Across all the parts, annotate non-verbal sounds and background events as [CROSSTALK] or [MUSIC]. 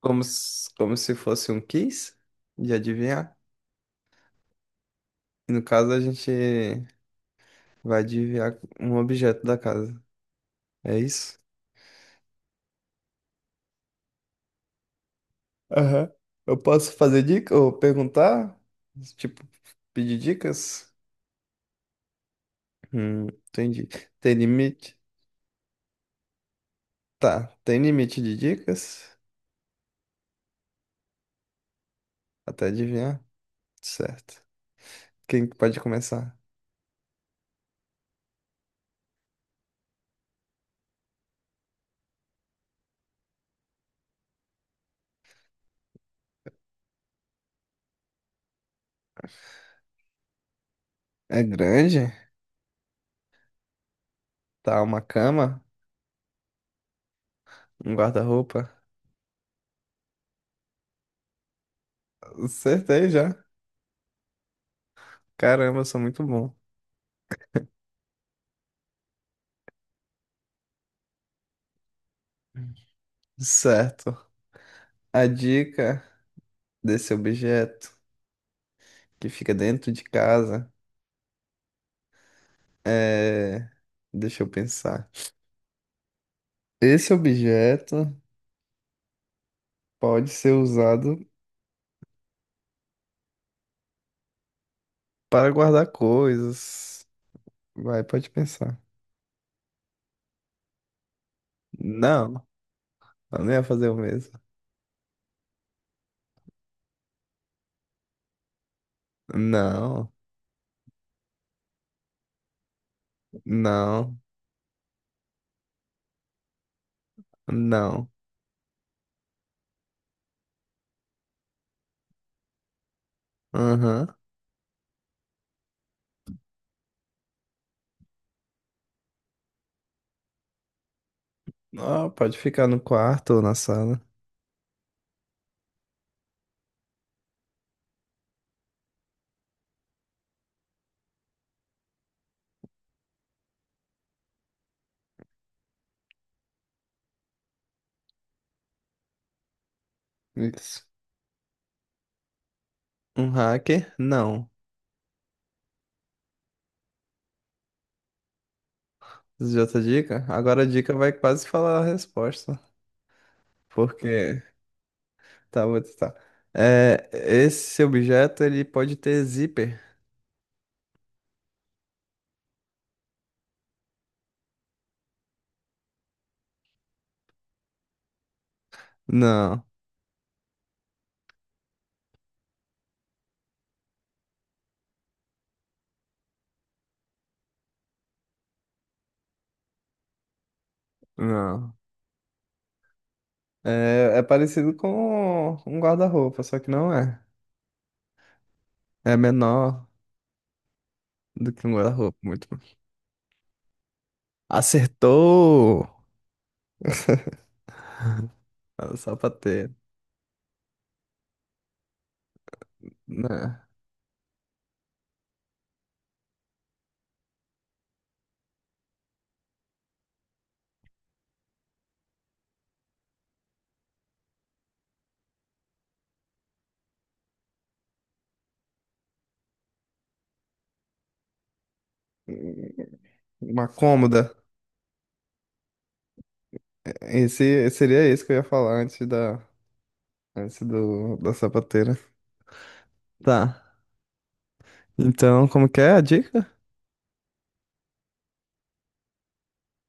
Como se fosse um quiz de adivinhar. E no caso, a gente vai adivinhar um objeto da casa. É isso? Aham. Eu posso fazer dica ou perguntar? Tipo, pedir dicas? Entendi. Tem limite? Tá, tem limite de dicas? Até adivinhar? Certo. Quem que pode começar? É grande? Tá, uma cama? Um guarda-roupa? Acertei já. Caramba, eu sou muito bom. Certo. A dica desse objeto que fica dentro de casa é. Deixa eu pensar. Esse objeto pode ser usado para guardar coisas. Vai, pode pensar. Não, eu não ia fazer o mesmo. Não, não, não. Aham. Ó, pode ficar no quarto ou na sala. Isso. Um hacker? Não. Isso. Já outra dica? Agora a dica vai quase falar a resposta. Porque Tá, vou testar. É, esse objeto, ele pode ter zíper? Não, não. É, é parecido com um guarda-roupa, só que não é. É menor do que um guarda-roupa, muito. Acertou! [LAUGHS] Só pra ter, né? Uma cômoda. Esse seria isso que eu ia falar antes da sapateira. Tá. Então, como que é a dica?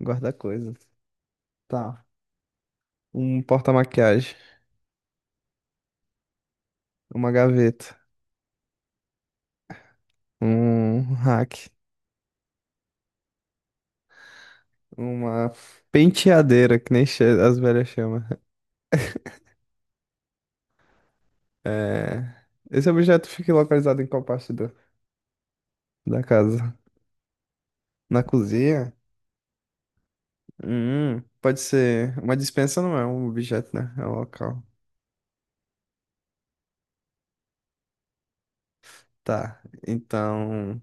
Guardar coisas. Tá. Um porta-maquiagem. Uma gaveta. Um hack, uma penteadeira, que nem as velhas chamam. É, esse objeto fica localizado em qual parte da casa? Na cozinha? Pode ser. Uma dispensa não é um objeto, né? É um local. Tá. Então,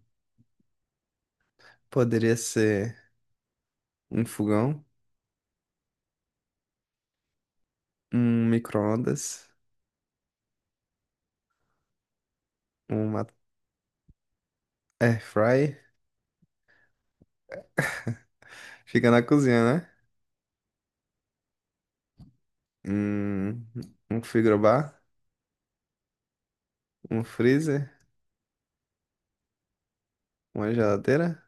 poderia ser um fogão, um micro-ondas, uma air fry. [LAUGHS] Fica na cozinha, né? Hum, um frigobar, um freezer, uma geladeira.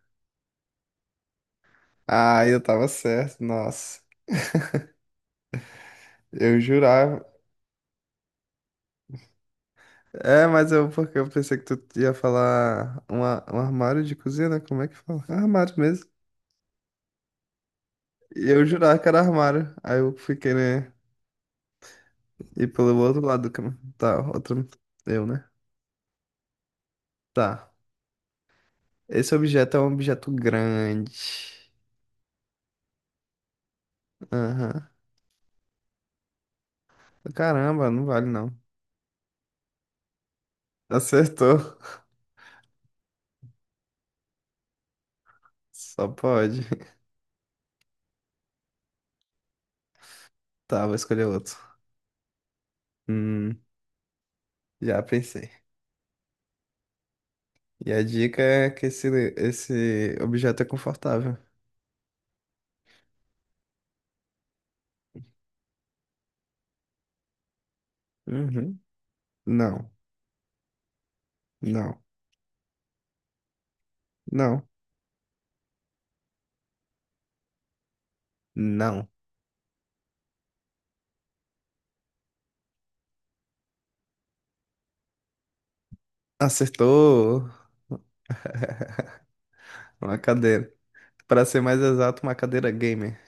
Ah, eu tava certo, nossa. Eu jurava. É, mas eu porque eu pensei que tu ia falar um armário de cozinha, né? Como é que fala? É armário mesmo. E eu jurava que era armário. Aí eu fiquei, né? E pelo outro lado do caminho. Tá, outro. Eu, né? Tá. Esse objeto é um objeto grande. Aham. Caramba, não vale não. Acertou. Só pode. [LAUGHS] Tá, vou escolher outro. Hum, já pensei. E a dica é que esse objeto é confortável. Uhum. Não, não, não, não. Acertou, uma cadeira. Para ser mais exato, uma cadeira gamer,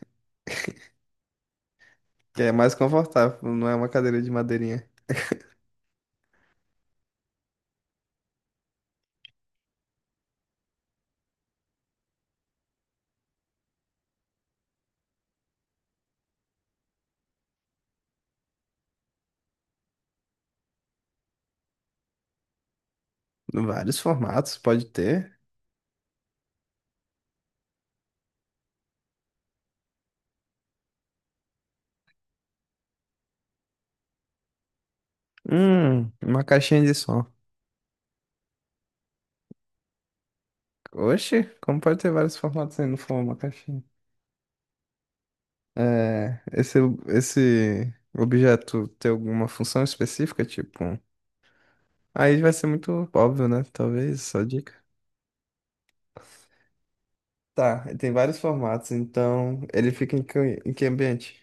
que é mais confortável, não é uma cadeira de madeirinha. Vários formatos pode ter. Uma caixinha de som. Oxe, como pode ter vários formatos se não for uma caixinha? É, esse, esse objeto tem alguma função específica, tipo, um. Aí vai ser muito óbvio, né? Talvez, só dica. Tá, ele tem vários formatos, então ele fica em que ambiente?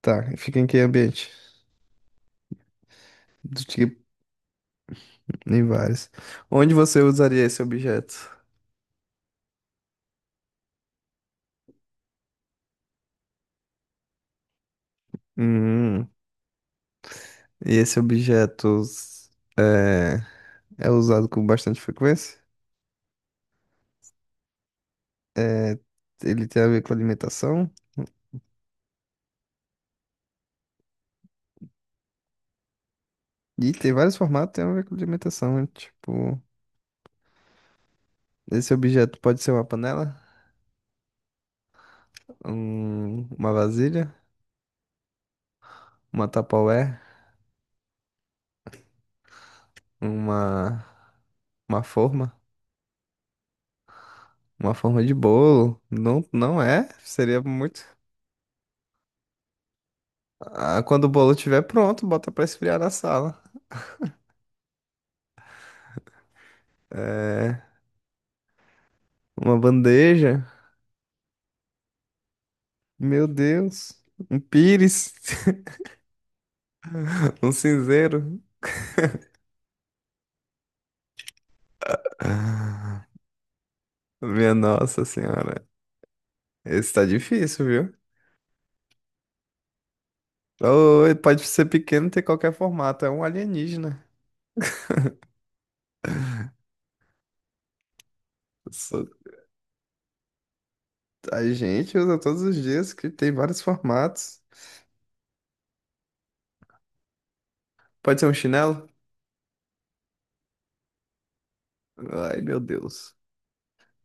Tá, ele fica em que ambiente? Do tipo, em vários. Onde você usaria esse objeto? Hum, e esse objeto é, é usado com bastante frequência? É, ele tem a ver com alimentação? E tem vários formatos que tem a ver com alimentação, né? Tipo, esse objeto pode ser uma panela, uma vasilha, uma Tupperware, uma. Uma forma? Uma forma de bolo? Não, não é? Seria muito. Ah, quando o bolo estiver pronto, bota pra esfriar na sala. É. Uma bandeja? Meu Deus. Um pires? [LAUGHS] Um cinzeiro? Ah, minha nossa senhora. Esse tá difícil, viu? Ou ele pode ser pequeno, ter qualquer formato. É um alienígena. Isso. A gente usa todos os dias que tem vários formatos. Pode ser um chinelo? Ai, meu Deus.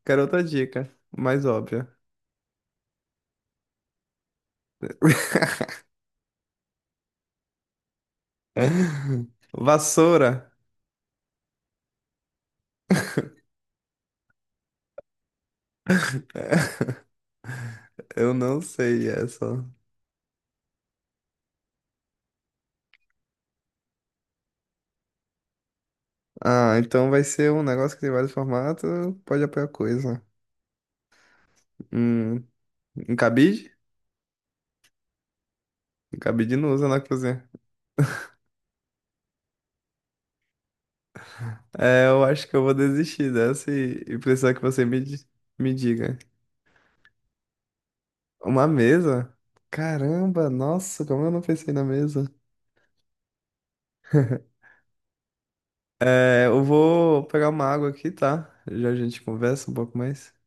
Quero outra dica, mais óbvia. [LAUGHS] Vassoura. É, eu não sei essa. Ah, então vai ser um negócio que tem vários formatos, pode apoiar coisa. Hum, um cabide? Um cabide não usa na cozinha. É, eu acho que eu vou desistir dessa e precisar que você me, me diga. Uma mesa? Caramba, nossa, como eu não pensei na mesa? É, eu vou pegar uma água aqui, tá? Já a gente conversa um pouco mais.